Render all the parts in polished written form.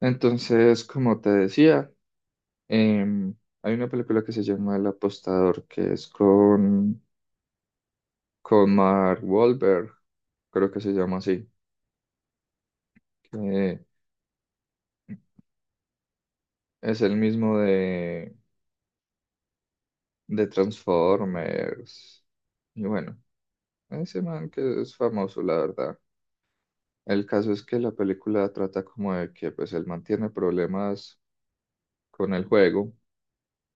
Entonces, como te decía, em, hay una película que se llama El Apostador, que es con Mark Wahlberg, creo que se llama así, que es el mismo de Transformers. Y bueno, ese man que es famoso, la verdad. El caso es que la película trata como de que pues él mantiene problemas con el juego,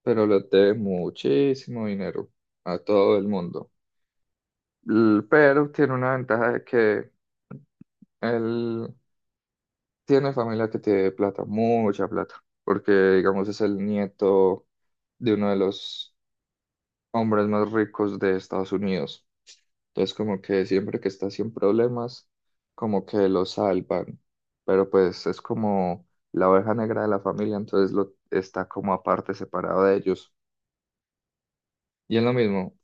pero le debe muchísimo dinero a todo el mundo. Pero tiene una ventaja de que él tiene familia que tiene plata, mucha plata, porque digamos es el nieto de uno de los hombres más ricos de Estados Unidos. Entonces como que siempre que está sin problemas, como que lo salvan, pero pues es como la oveja negra de la familia, entonces lo está como aparte, separado de ellos. Y es lo mismo,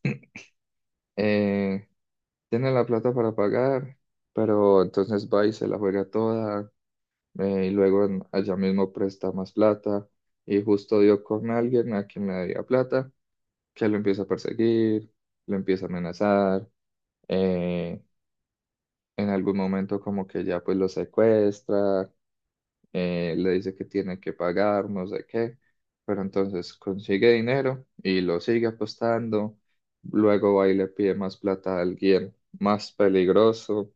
eh, tiene la plata para pagar, pero entonces va y se la juega toda, y luego allá mismo presta más plata y justo dio con alguien a quien le debía plata, que lo empieza a perseguir, lo empieza a amenazar, eh, en algún momento como que ya pues lo secuestra, le dice que tiene que pagar, no sé qué, pero entonces consigue dinero y lo sigue apostando, luego va y le pide más plata a alguien más peligroso.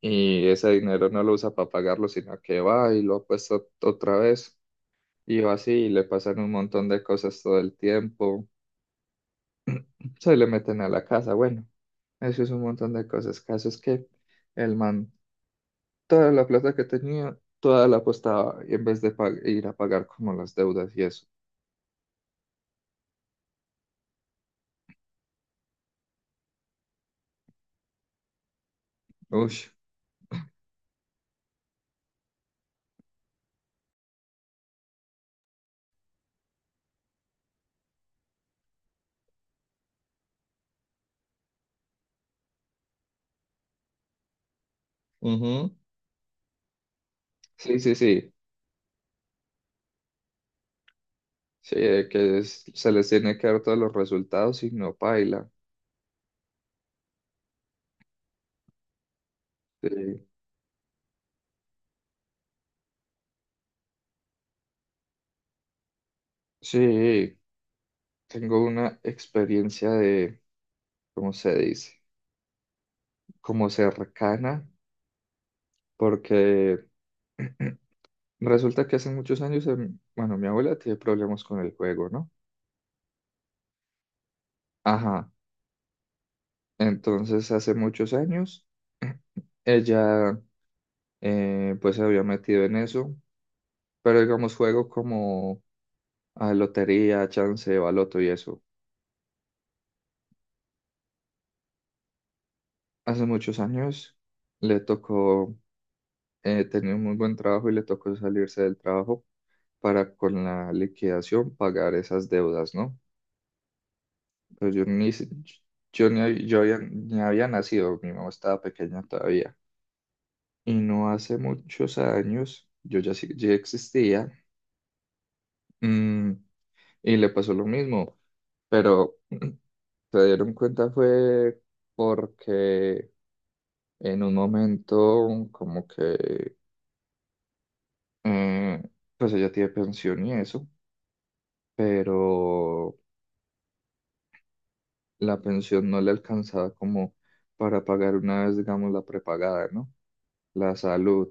Y ese dinero no lo usa para pagarlo, sino que va y lo apuesta otra vez. Y va así, y le pasan un montón de cosas todo el tiempo. Se le meten a la casa. Bueno, eso es un montón de cosas. Caso es que el man, toda la plata que tenía, toda la apostaba y en vez de ir a pagar como las deudas y eso. Uy, ujú, sí, sí, sí. Sí, que se les tiene que dar todos los resultados y no paila. Sí, sí, tengo una experiencia de, ¿cómo se dice? Como cercana, porque. Resulta que hace muchos años, bueno, mi abuela tiene problemas con el juego, ¿no? Ajá, entonces hace muchos años ella, pues se había metido en eso, pero digamos juego como a lotería, chance, baloto y eso. Hace muchos años le tocó, tenía un muy buen trabajo y le tocó salirse del trabajo para con la liquidación pagar esas deudas, ¿no? Pero yo ni, yo ni, yo ni había nacido, mi mamá estaba pequeña todavía. Y no hace muchos años, yo ya, ya existía, mm, y le pasó lo mismo, pero se dieron cuenta fue porque en un momento como que, eh, pues ella tiene pensión y eso, pero la pensión no le alcanzaba como para pagar una vez, digamos, la prepagada, ¿no? La salud.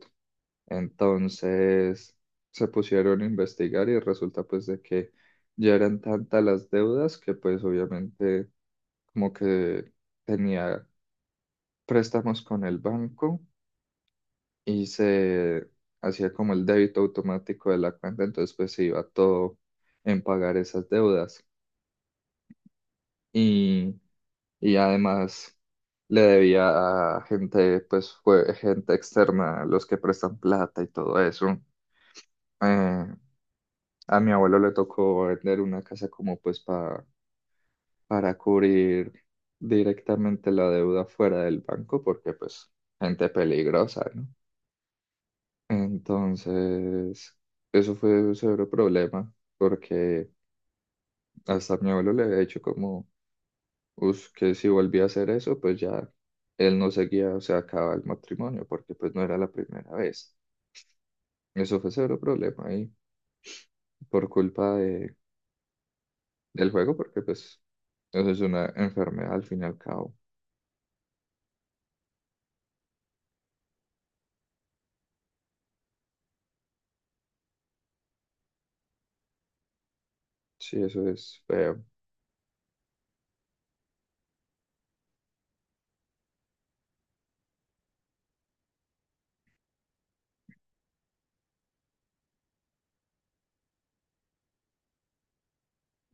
Entonces se pusieron a investigar y resulta pues de que ya eran tantas las deudas que pues obviamente como que tenía préstamos con el banco y se hacía como el débito automático de la cuenta, entonces pues se iba todo en pagar esas deudas y, y además le debía a gente pues fue gente externa, los que prestan plata y todo eso. Eh, A mi abuelo le tocó vender una casa como pues para cubrir directamente la deuda fuera del banco, porque pues gente peligrosa, ¿no? Entonces, eso fue un severo problema, porque hasta mi abuelo le había dicho como, "Us, que si volvía a hacer eso, pues ya él no seguía, o sea, acaba el matrimonio, porque pues no era la primera vez. Eso fue severo problema y por culpa del juego, porque pues eso es una enfermedad al fin y al cabo. Sí, eso es feo.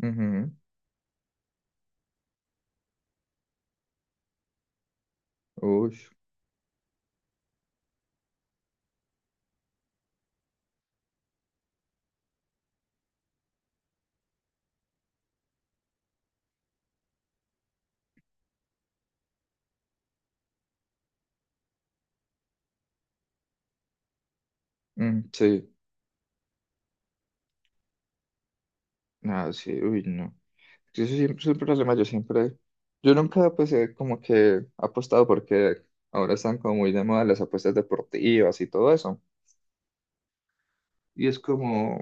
Ujú, uy, mm, sí, nada, sí, uy, no. Sí, eso siempre es un problema, yo siempre, yo nunca pues he como que apostado porque ahora están como muy de moda las apuestas deportivas y todo eso. Y es como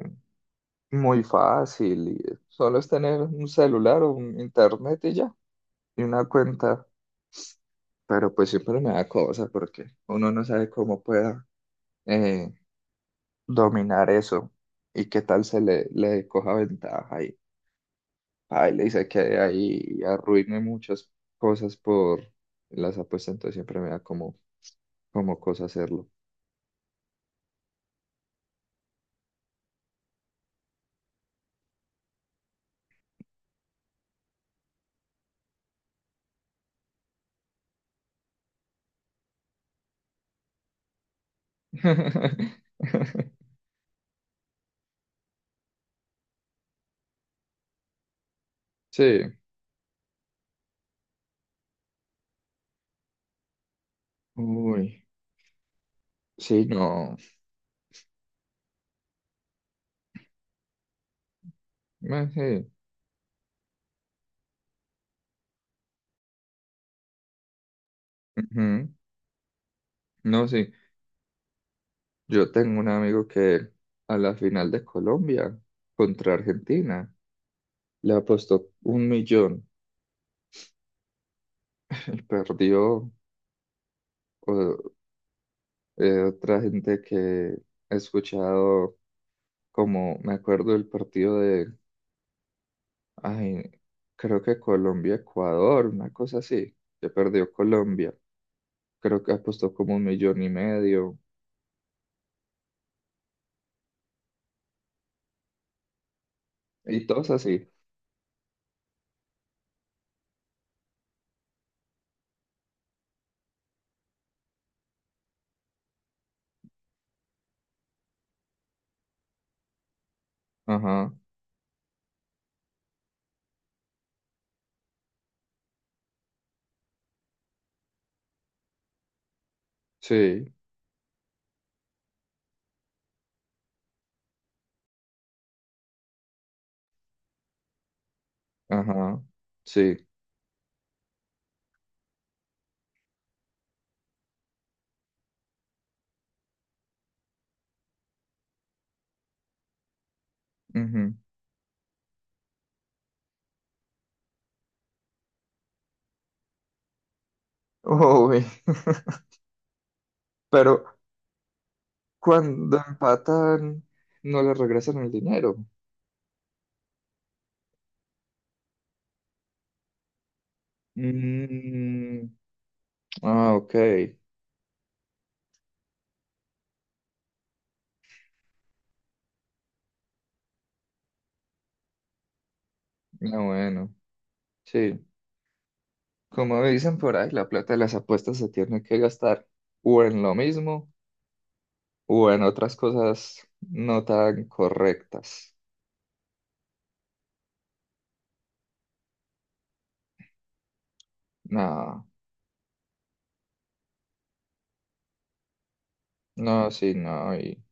muy fácil, y solo es tener un celular o un internet y ya, y una cuenta. Pero pues siempre me da cosa porque uno no sabe cómo pueda, eh, dominar eso y qué tal se le, le coja ventaja. Ay le dice que ahí arruiné muchas cosas por las apuestas, entonces siempre me da como, como cosa hacerlo. Sí, uy, sí, no, ah, sí, ujú. No, sí, yo tengo un amigo que a la final de Colombia contra Argentina le apostó 1 millón y perdió. o- otra gente que he escuchado, como me acuerdo del partido de, ay, creo que Colombia, Ecuador, una cosa así. Se perdió Colombia. Creo que apostó como 1 millón y medio. Y todos así. Ajá. Sí. Ajá. Sí. Ujú. Uy. Pero cuando empatan, no le regresan el dinero. Mm, ah, ok. No, bueno. Sí. Como dicen por ahí, la plata de las apuestas se tiene que gastar o en lo mismo. Bueno, otras cosas no tan correctas. No, no, sí, no. Y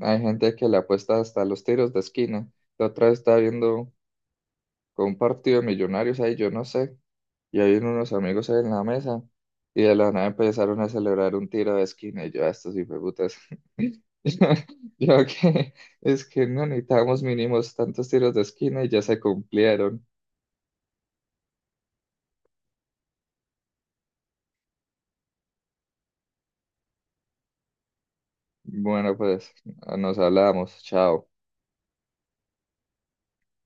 hay gente que le apuesta hasta los tiros de esquina. La otra vez estaba viendo con un partido de millonarios ahí, yo no sé. Y hay unos amigos ahí en la mesa. Y de la nada empezaron a celebrar un tiro de esquina. Y yo, a estos putas. Yo que es que no necesitábamos mínimos tantos tiros de esquina y ya se cumplieron. Bueno, pues nos hablamos. Chao.